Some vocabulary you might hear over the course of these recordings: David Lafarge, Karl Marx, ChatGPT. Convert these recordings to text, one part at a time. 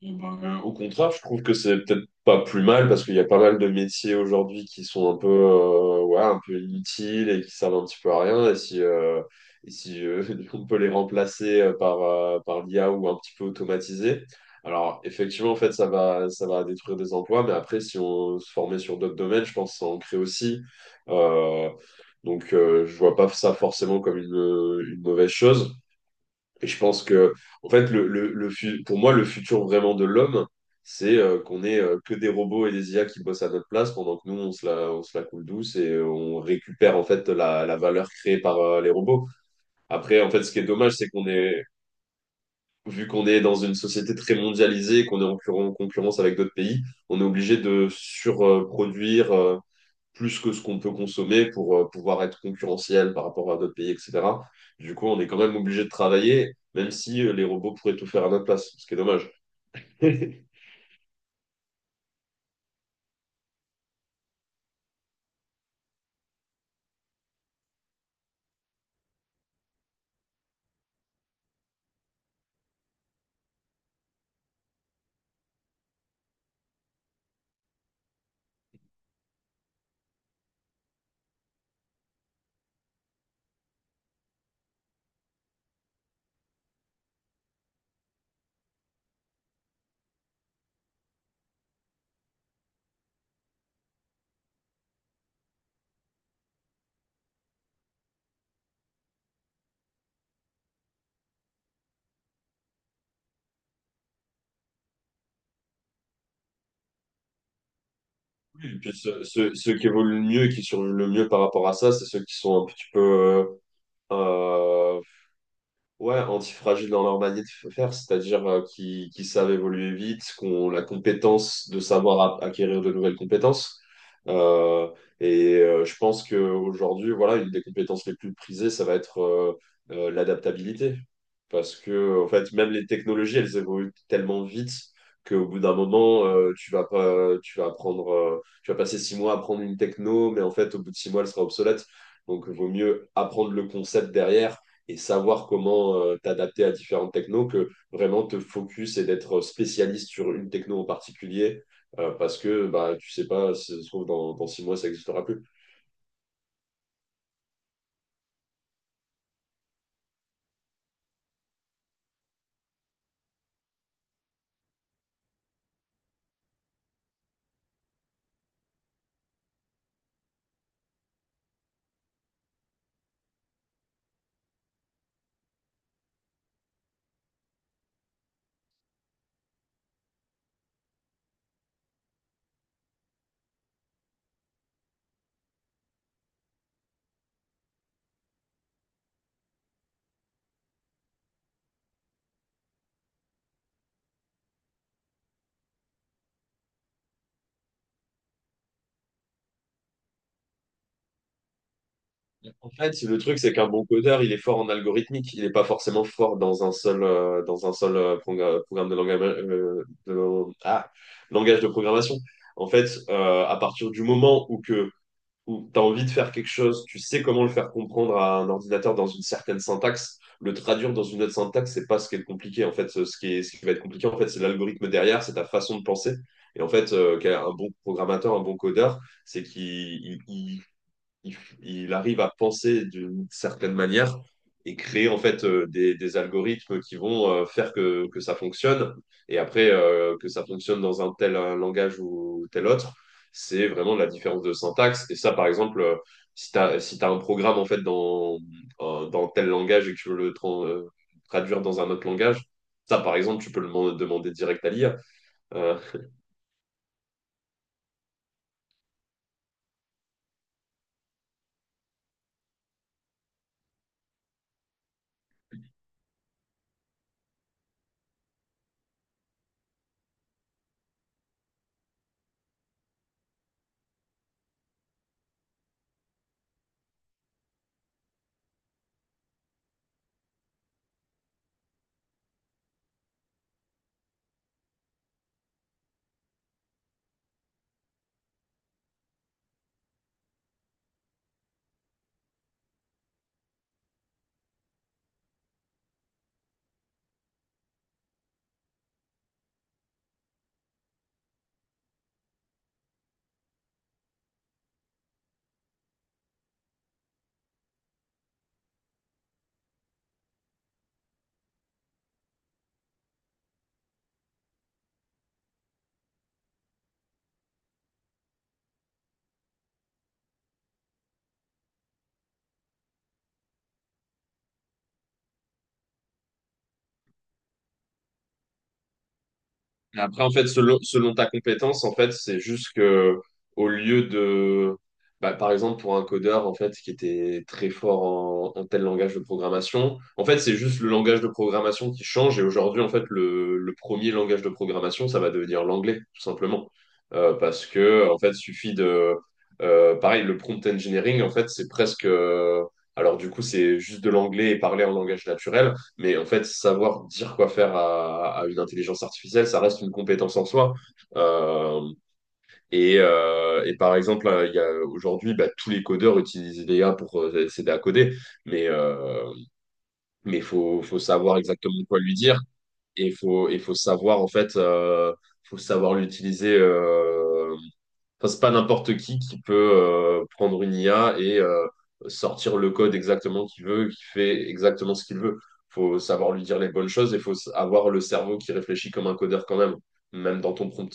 Au contraire, je trouve que c'est peut-être pas plus mal parce qu'il y a pas mal de métiers aujourd'hui qui sont un peu, ouais, un peu inutiles et qui servent un petit peu à rien. Et si on peut les remplacer par, par l'IA ou un petit peu automatisé, alors effectivement, en fait, ça va détruire des emplois. Mais après, si on se formait sur d'autres domaines, je pense que ça en crée aussi. Euh, donc je vois pas ça forcément comme une mauvaise chose. Et je pense que, en fait, pour moi, le futur vraiment de l'homme, c'est qu'on ait que des robots et des IA qui bossent à notre place pendant que nous, on se la coule douce et on récupère en fait la valeur créée par les robots. Après, en fait, ce qui est dommage, c'est vu qu'on est dans une société très mondialisée, qu'on est en concurrence avec d'autres pays, on est obligé de surproduire plus que ce qu'on peut consommer pour pouvoir être concurrentiel par rapport à d'autres pays, etc. Du coup, on est quand même obligé de travailler, même si les robots pourraient tout faire à notre place, ce qui est dommage. Et puis ceux qui évoluent le mieux et qui survivent le mieux par rapport à ça, c'est ceux qui sont un petit peu euh, ouais, antifragile dans leur manière de faire, c'est-à-dire qui savent évoluer vite, qu'on la compétence de savoir acquérir de nouvelles compétences. Euh, je pense qu'aujourd'hui, voilà, une des compétences les plus prisées, ça va être l'adaptabilité. Parce que, en fait, même les technologies, elles évoluent tellement vite qu'au bout d'un moment, tu vas pas, tu vas apprendre, tu vas passer 6 mois à apprendre une techno, mais en fait, au bout de 6 mois, elle sera obsolète. Donc, il vaut mieux apprendre le concept derrière et savoir comment t'adapter à différentes technos que vraiment te focus et d'être spécialiste sur une techno en particulier parce que bah, tu sais pas, si ça se trouve, dans 6 mois, ça n'existera plus. En fait, le truc, c'est qu'un bon codeur, il est fort en algorithmique, il n'est pas forcément fort dans un seul, programme de, langage ah, langage de programmation. En fait, à partir du moment où tu as envie de faire quelque chose, tu sais comment le faire comprendre à un ordinateur dans une certaine syntaxe, le traduire dans une autre syntaxe, c'est pas ce qui est compliqué. En fait, ce qui va être compliqué, en fait, c'est l'algorithme derrière, c'est ta façon de penser. Et en fait, bon programmateur, un bon codeur, c'est qu'il il- il, f- il arrive à penser d'une certaine manière et créer en fait des algorithmes qui vont faire que ça fonctionne. Et après, que ça fonctionne dans un tel langage ou tel autre, c'est vraiment la différence de syntaxe. Et ça, par exemple, si tu as, si t'as un programme en fait dans tel langage et que tu veux traduire dans un autre langage, ça, par exemple, tu peux demander direct à l'IA. Et après, en fait, selon ta compétence, en fait, c'est juste que au lieu de, bah, par exemple, pour un codeur, en fait, qui était très fort en tel langage de programmation, en fait, c'est juste le langage de programmation qui change. Et aujourd'hui, en fait, le premier langage de programmation, ça va devenir l'anglais, tout simplement. Parce que, en fait, suffit de, pareil, le prompt engineering, en fait, alors du coup, c'est juste de l'anglais et parler en langage naturel. Mais en fait, savoir dire quoi faire à une intelligence artificielle, ça reste une compétence en soi. Euh, et par exemple, il y a aujourd'hui, bah, tous les codeurs utilisent l'IA pour s'aider à coder, mais euh, mais faut savoir exactement quoi lui dire et faut savoir en fait, faut savoir l'utiliser. Enfin, c'est pas n'importe qui peut prendre une IA et sortir le code exactement qu'il veut, qui fait exactement ce qu'il veut. Faut savoir lui dire les bonnes choses et avoir le cerveau qui réfléchit comme un codeur quand même, même dans ton prompt.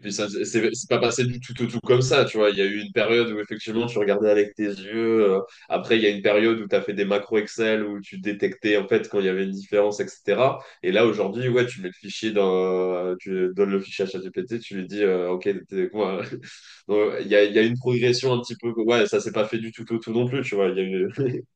Puis ça, c'est pas passé du tout au tout comme ça, tu vois. Il y a eu une période où effectivement tu regardais avec tes yeux. Après, il y a une période où tu as fait des macros Excel où tu détectais en fait quand il y avait une différence, etc. Et là aujourd'hui, ouais, tu donnes le fichier à ChatGPT, tu lui dis, ok, moi. Donc, il y a une progression un petit peu. Ouais, ça s'est pas fait du tout au tout non plus, tu vois. Il y a eu.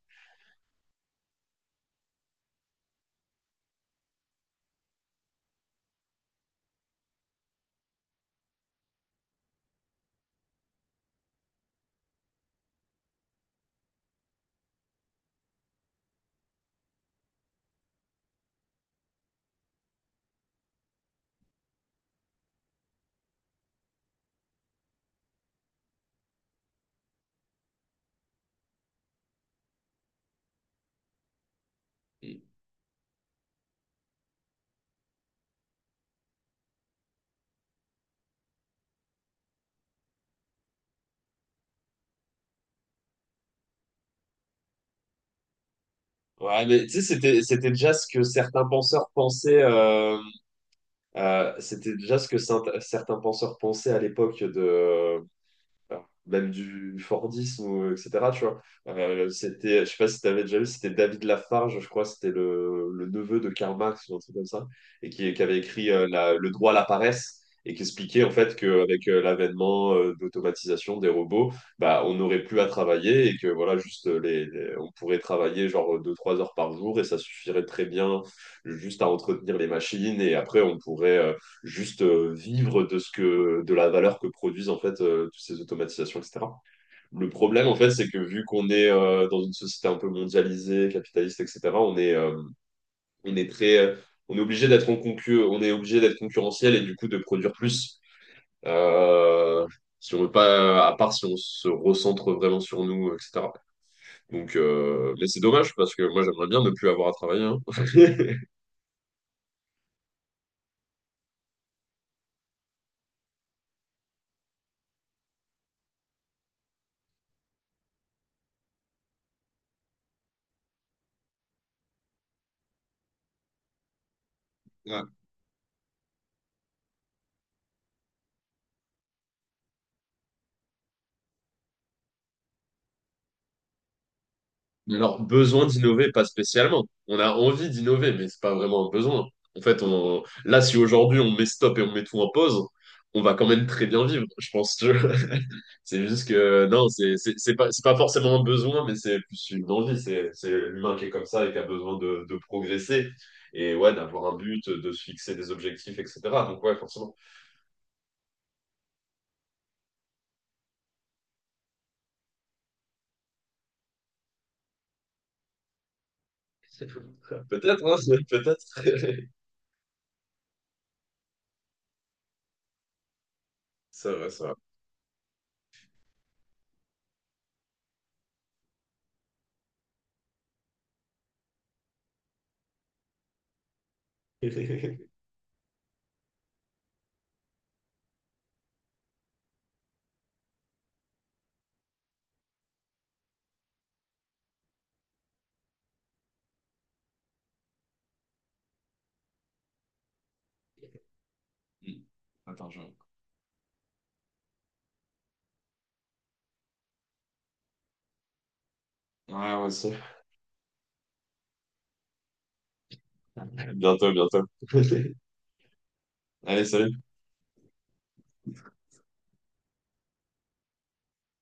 Ouais, mais tu sais, c'était déjà ce que certains penseurs pensaient. C'était déjà ce que certains penseurs pensaient à l'époque de même du Fordisme, ou, etc. Tu vois, c'était, je sais pas si tu avais déjà vu, c'était David Lafarge, je crois, c'était le neveu de Karl Marx ou un truc comme ça, et qui avait écrit Le droit à la paresse. Et qui expliquait en fait qu'avec l'avènement d'automatisation des robots, bah, on n'aurait plus à travailler et que voilà, juste on pourrait travailler genre 2 3 heures par jour et ça suffirait très bien juste à entretenir les machines et après on pourrait juste vivre de ce que de la valeur que produisent en fait toutes ces automatisations, etc. Le problème en fait, c'est que vu qu'on est dans une société un peu mondialisée, capitaliste, etc. On est très euh, on est obligé d'être on est obligé d'être concurrentiel et du coup de produire plus. Euh, Si on veut pas, à part si on se recentre vraiment sur nous, etc. Donc, mais c'est dommage parce que moi j'aimerais bien ne plus avoir à travailler, hein. Alors, besoin d'innover, pas spécialement. On a envie d'innover, mais c'est pas vraiment un besoin. En fait, on... là, si aujourd'hui on met stop et on met tout en pause, on va quand même très bien vivre, je pense. Que... C'est juste que non, c'est pas forcément un besoin, mais c'est plus une envie. C'est l'humain qui est comme ça et qui a besoin de progresser et ouais, d'avoir un but, de se fixer des objectifs, etc. Donc, ouais, forcément. Peut-être, hein, peut-être. Ça va, ça va. Attends, je... Ouais, ouais, ça, bientôt, bientôt. Allez, salut.